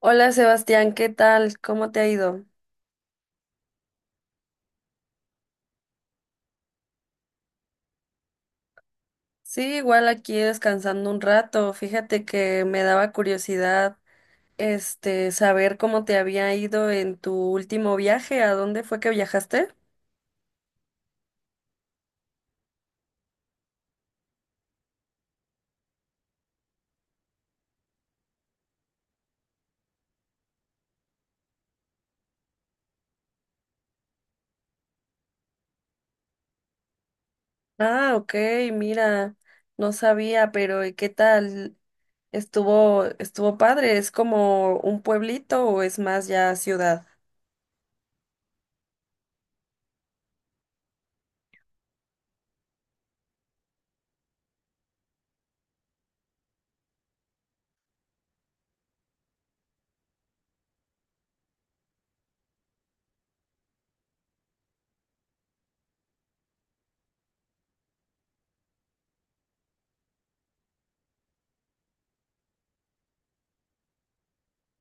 Hola Sebastián, ¿qué tal? ¿Cómo te ha ido? Sí, igual aquí descansando un rato. Fíjate que me daba curiosidad, saber cómo te había ido en tu último viaje. ¿A dónde fue que viajaste? Ah, ok, mira, no sabía, pero ¿y qué tal? Estuvo padre. ¿Es como un pueblito o es más ya ciudad?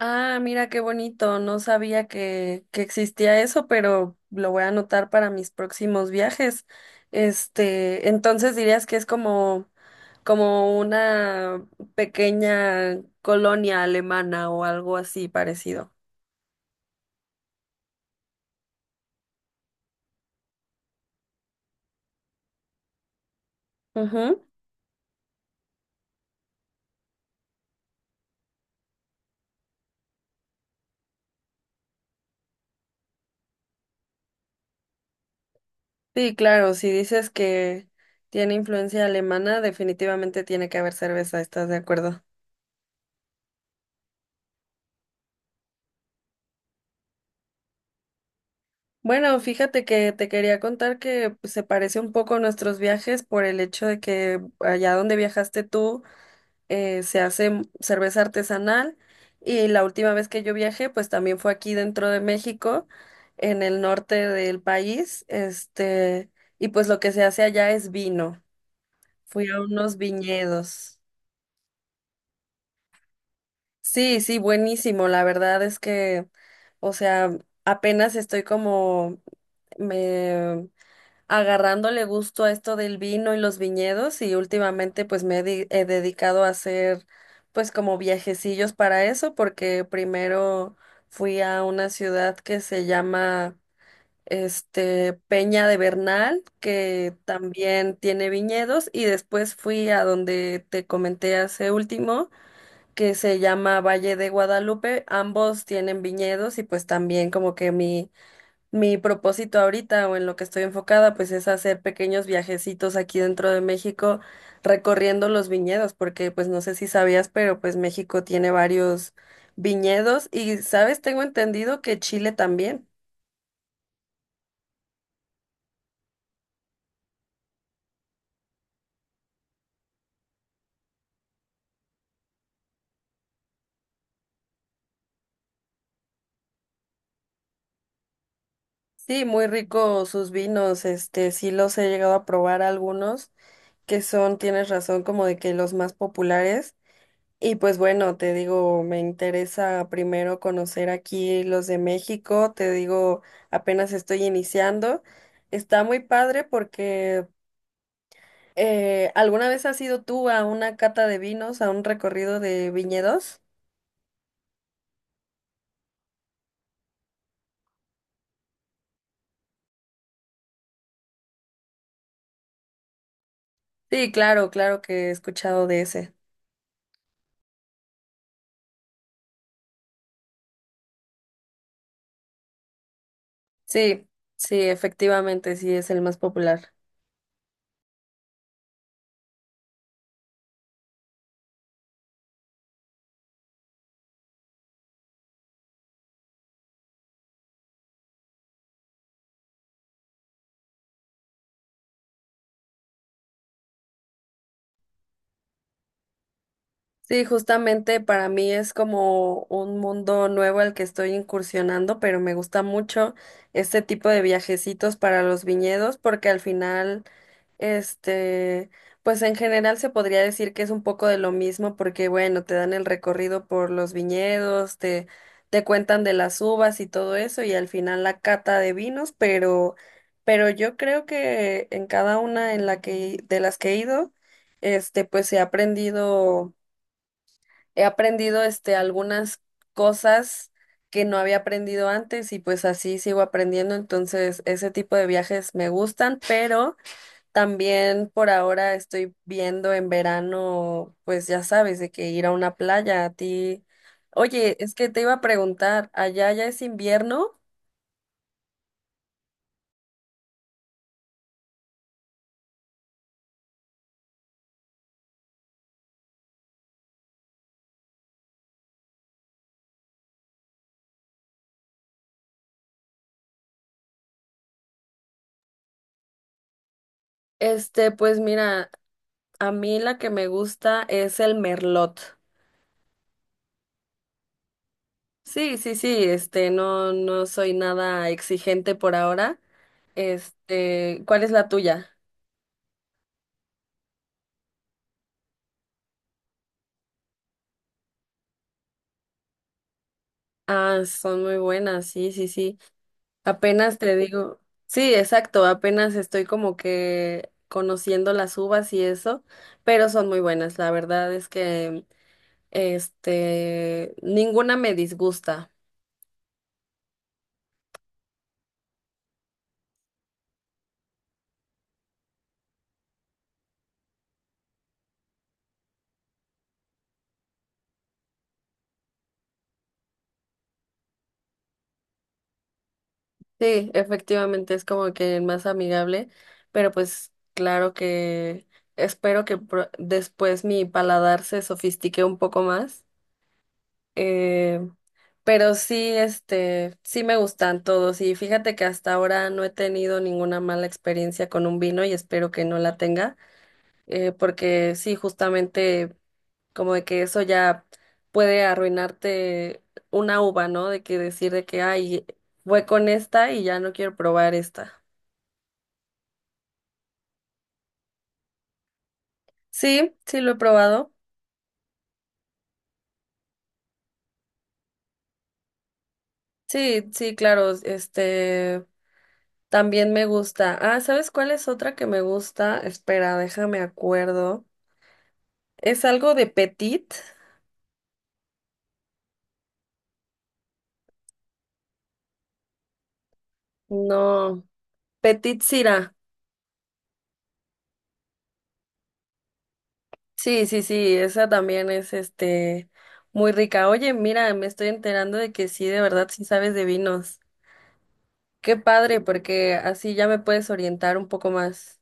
Ah, mira qué bonito. No sabía que existía eso, pero lo voy a anotar para mis próximos viajes. Entonces dirías que es como, como una pequeña colonia alemana o algo así parecido. Ujú. Sí, claro, si dices que tiene influencia alemana, definitivamente tiene que haber cerveza, ¿estás de acuerdo? Bueno, fíjate que te quería contar que pues, se parece un poco a nuestros viajes por el hecho de que allá donde viajaste tú se hace cerveza artesanal y la última vez que yo viajé pues también fue aquí dentro de México, en el norte del país, y pues lo que se hace allá es vino. Fui a unos viñedos. Sí, sí, buenísimo. La verdad es que, o sea, apenas estoy como me agarrándole gusto a esto del vino y los viñedos y últimamente pues me he, he dedicado a hacer pues como viajecillos para eso porque primero fui a una ciudad que se llama Peña de Bernal que también tiene viñedos y después fui a donde te comenté hace último que se llama Valle de Guadalupe, ambos tienen viñedos y pues también como que mi propósito ahorita o en lo que estoy enfocada, pues es hacer pequeños viajecitos aquí dentro de México, recorriendo los viñedos, porque pues no sé si sabías, pero pues México tiene varios viñedos y, ¿sabes? Tengo entendido que Chile también. Sí, muy rico sus vinos, sí los he llegado a probar algunos, que son, tienes razón, como de que los más populares. Y pues bueno, te digo, me interesa primero conocer aquí los de México, te digo, apenas estoy iniciando. Está muy padre porque ¿alguna vez has ido tú a una cata de vinos, a un recorrido de viñedos? Sí, claro, claro que he escuchado de ese. Sí, sí, efectivamente, sí es el más popular. Sí, justamente para mí es como un mundo nuevo al que estoy incursionando, pero me gusta mucho este tipo de viajecitos para los viñedos porque al final, este, pues en general se podría decir que es un poco de lo mismo porque bueno, te dan el recorrido por los viñedos, te cuentan de las uvas y todo eso y al final la cata de vinos, pero yo creo que en cada una en la que de las que he ido, pues he aprendido algunas cosas que no había aprendido antes y pues así sigo aprendiendo, entonces ese tipo de viajes me gustan, pero también por ahora estoy viendo en verano, pues ya sabes, de que ir a una playa a ti. Oye, es que te iba a preguntar, ¿allá ya es invierno? Pues mira, a mí la que me gusta es el merlot. Sí, sí, sí, no, no soy nada exigente por ahora. ¿Cuál es la tuya? Ah, son muy buenas, sí, sí, sí. Apenas te digo, sí, exacto, apenas estoy como que conociendo las uvas y eso, pero son muy buenas. La verdad es que, ninguna me disgusta. Sí, efectivamente es como que el más amigable, pero pues claro que espero que después mi paladar se sofistique un poco más. Eh, pero sí, sí me gustan todos y fíjate que hasta ahora no he tenido ninguna mala experiencia con un vino y espero que no la tenga, porque sí, justamente como de que eso ya puede arruinarte una uva, ¿no? De que decir de que, ay, fue con esta y ya no quiero probar esta. Sí, sí lo he probado. Sí, sí, claro, también me gusta. Ah, ¿sabes cuál es otra que me gusta? Espera, déjame acuerdo. Es algo de Petit. No, Petit Sira. Sí, sí, sí, esa también es muy rica. Oye, mira, me estoy enterando de que sí, de verdad, sí sabes de vinos. Qué padre, porque así ya me puedes orientar un poco más.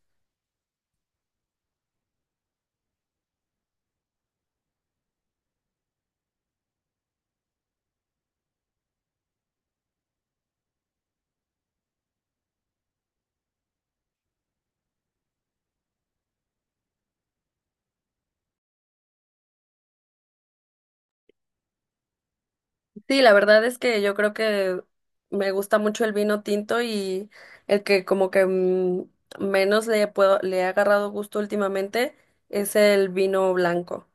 Sí, la verdad es que yo creo que me gusta mucho el vino tinto y el que como que menos le puedo, le he agarrado gusto últimamente es el vino blanco.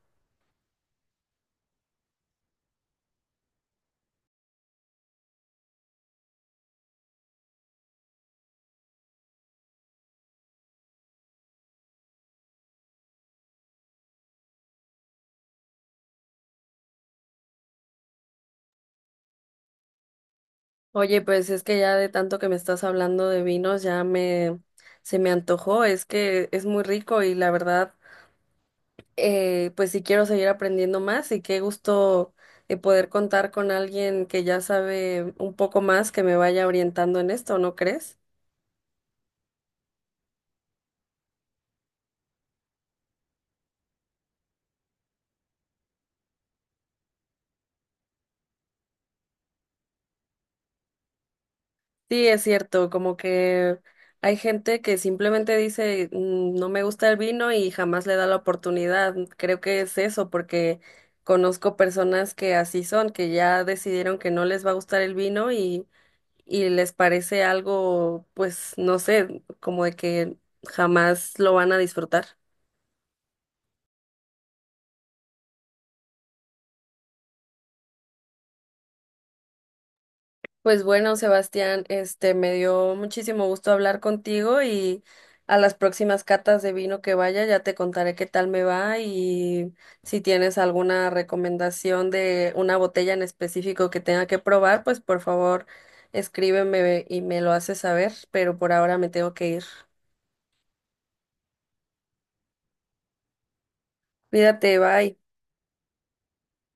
Oye, pues es que ya de tanto que me estás hablando de vinos ya me se me antojó, es que es muy rico y la verdad pues sí quiero seguir aprendiendo más y qué gusto poder contar con alguien que ya sabe un poco más que me vaya orientando en esto, ¿no crees? Sí, es cierto, como que hay gente que simplemente dice, "Mm, no me gusta el vino y jamás le da la oportunidad". Creo que es eso, porque conozco personas que así son, que ya decidieron que no les va a gustar el vino y les parece algo, pues, no sé, como de que jamás lo van a disfrutar. Pues bueno, Sebastián, me dio muchísimo gusto hablar contigo y a las próximas catas de vino que vaya ya te contaré qué tal me va y si tienes alguna recomendación de una botella en específico que tenga que probar, pues por favor escríbeme y me lo haces saber, pero por ahora me tengo que ir. Cuídate, bye.